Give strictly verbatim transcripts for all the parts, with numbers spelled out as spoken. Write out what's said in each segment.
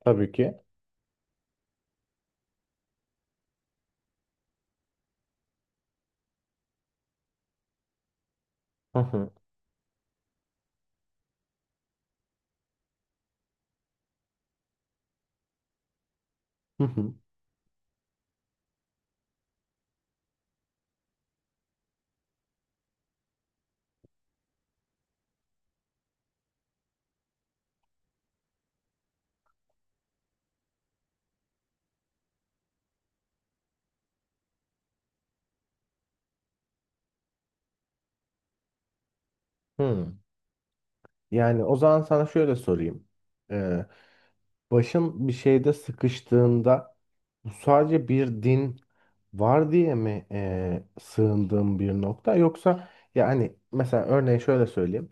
Tabii ki. Hı hı. Hı hı. Hı. Yani o zaman sana şöyle sorayım. Ee, Başın bir şeyde sıkıştığında bu sadece bir din var diye mi e, sığındığın bir nokta, yoksa yani mesela örneğin şöyle söyleyeyim.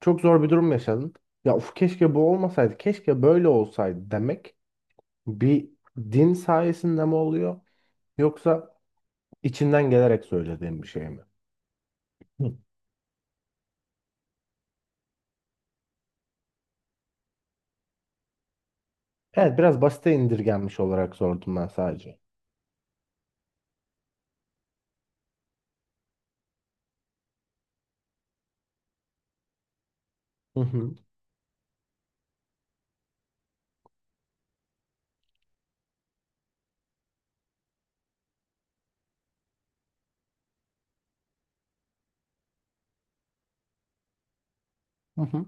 Çok zor bir durum yaşadın. Ya of, keşke bu olmasaydı, keşke böyle olsaydı demek bir din sayesinde mi oluyor, yoksa içinden gelerek söylediğin bir şey mi? Hı. Evet, biraz basite indirgenmiş olarak sordum ben sadece. Hı hı. Hı hı.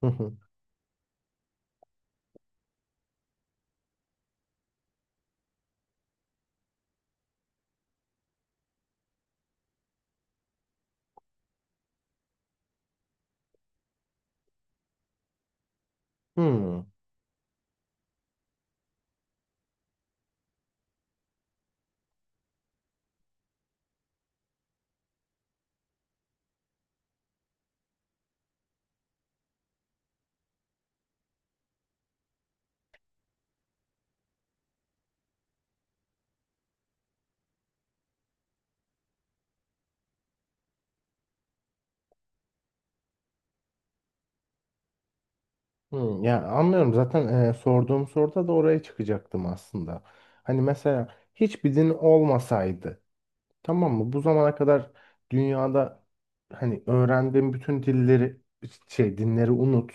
Hı hı. Hmm, hmm. Ya anlıyorum zaten, e, sorduğum soruda da oraya çıkacaktım aslında. Hani mesela hiçbir din olmasaydı, tamam mı? Bu zamana kadar dünyada hani öğrendiğin bütün dilleri şey dinleri unut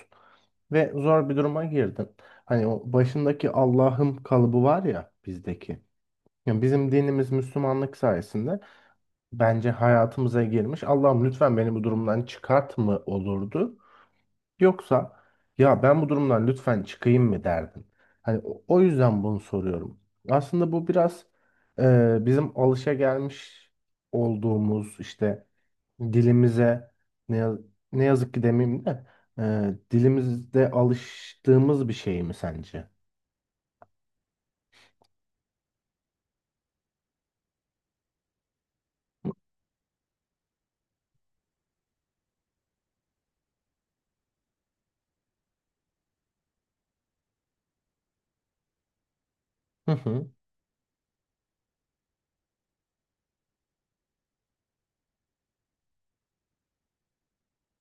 ve zor bir duruma girdin. Hani o başındaki Allah'ım kalıbı var ya bizdeki. Yani bizim dinimiz Müslümanlık sayesinde bence hayatımıza girmiş. Allah'ım, lütfen beni bu durumdan çıkart mı olurdu? Yoksa ya ben bu durumdan lütfen çıkayım mı derdin? Hani o o yüzden bunu soruyorum. Aslında bu biraz e, bizim alışagelmiş olduğumuz işte dilimize, ne, yaz- ne yazık ki demeyeyim de e, dilimizde alıştığımız bir şey mi sence? Hı hı.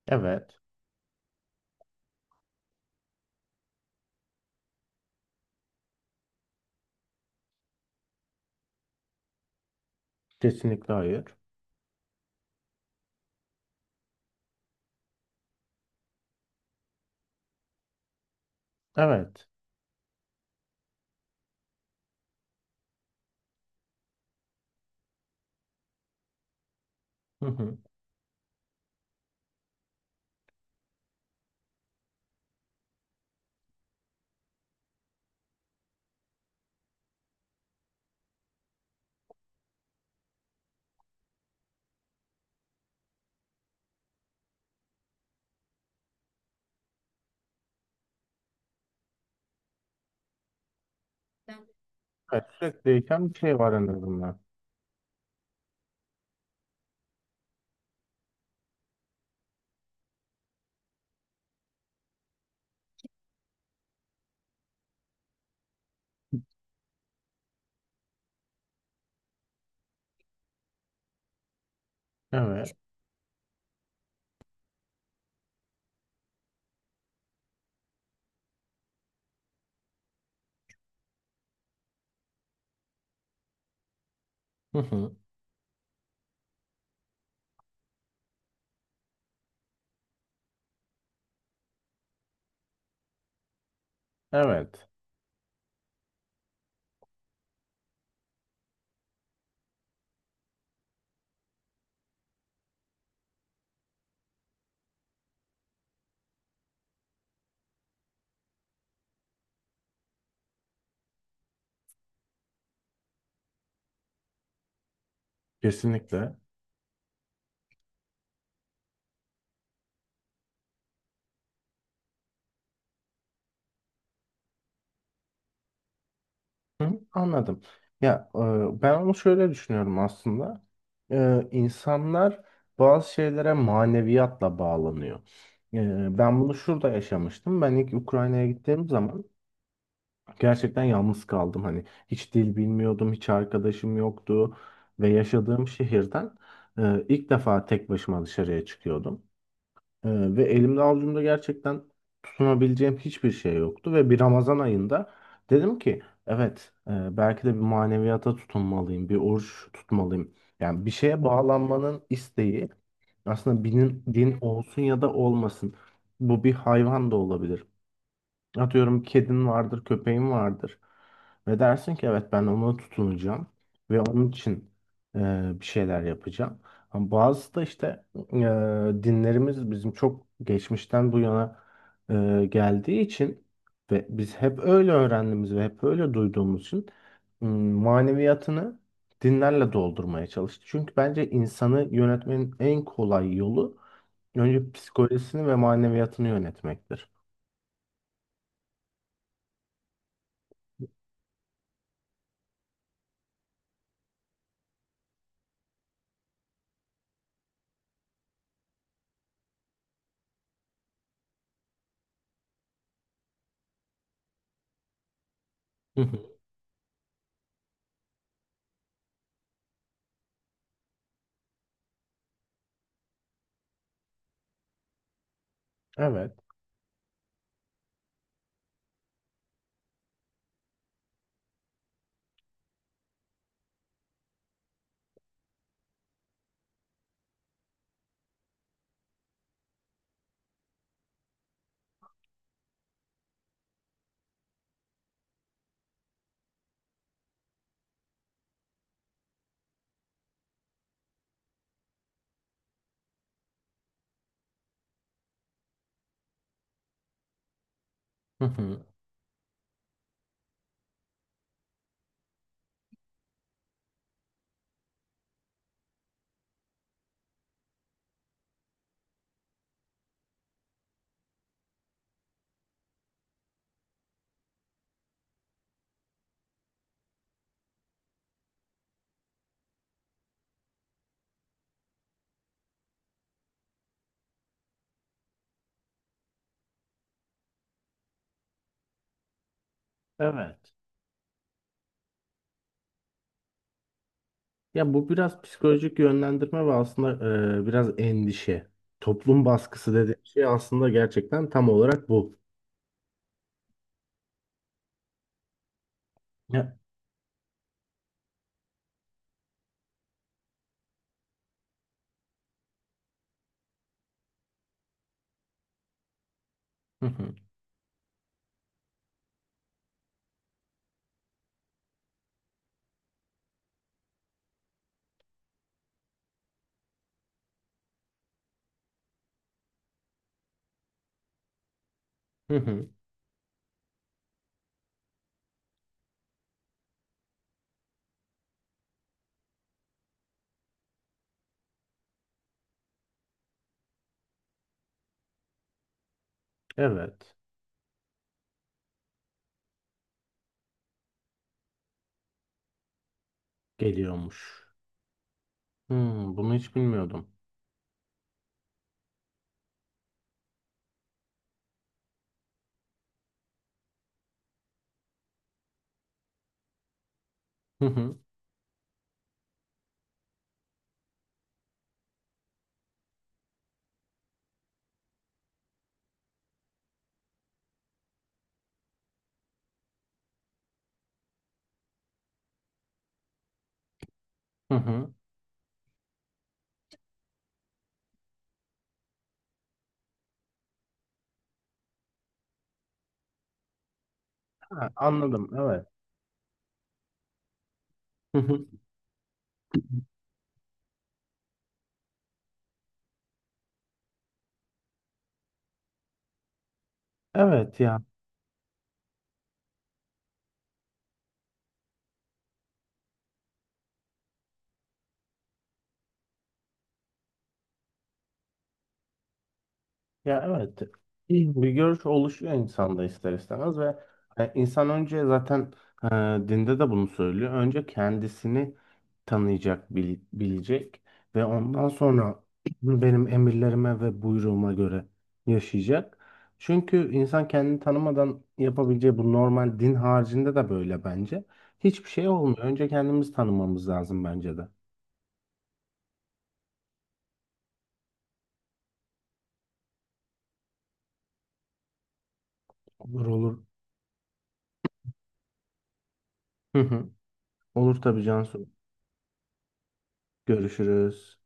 Evet. Kesinlikle hayır. Evet. Hı hı. Evet, sürekli değişen bir şey var en azından. Evet. Hı hı. Evet. Kesinlikle. Hı, anladım. Ya e, ben onu şöyle düşünüyorum aslında. E, insanlar bazı şeylere maneviyatla bağlanıyor. E, ben bunu şurada yaşamıştım. Ben ilk Ukrayna'ya gittiğim zaman gerçekten yalnız kaldım. Hani hiç dil bilmiyordum, hiç arkadaşım yoktu ve yaşadığım şehirden e, ilk defa tek başıma dışarıya çıkıyordum. Ee, Ve elimde avucumda gerçekten tutunabileceğim hiçbir şey yoktu ve bir Ramazan ayında dedim ki evet, e, belki de bir maneviyata tutunmalıyım, bir oruç tutmalıyım. Yani bir şeye bağlanmanın isteği, aslında binin, din olsun ya da olmasın. Bu bir hayvan da olabilir. Atıyorum kedin vardır, köpeğin vardır. Ve dersin ki evet, ben ona tutunacağım ve onun için e, bir şeyler yapacağım. Ama bazısı da işte e, dinlerimiz bizim çok geçmişten bu yana e, geldiği için ve biz hep öyle öğrendiğimiz ve hep öyle duyduğumuz için m, maneviyatını dinlerle doldurmaya çalıştı. Çünkü bence insanı yönetmenin en kolay yolu önce psikolojisini ve maneviyatını yönetmektir. Hı hı. Evet. Hı hı. Evet. Ya bu biraz psikolojik yönlendirme ve aslında e, biraz endişe. Toplum baskısı dediğim şey aslında gerçekten tam olarak bu. Ya. Hı hı. Hı hı. Evet. Geliyormuş. Hmm, bunu hiç bilmiyordum. Hı hı. Hı hı. Ha, anladım. Evet. Hı hı. Evet ya. Ya evet, bir görüş oluşuyor insanda ister istemez ve e, insan önce zaten e, dinde de bunu söylüyor. Önce kendisini tanıyacak, bil- bilecek ve ondan sonra benim emirlerime ve buyruğuma göre yaşayacak. Çünkü insan kendini tanımadan yapabileceği, bu normal din haricinde de böyle bence. Hiçbir şey olmuyor. Önce kendimizi tanımamız lazım bence de. Olur, olur. Hı hı. Olur tabii Cansu. Görüşürüz.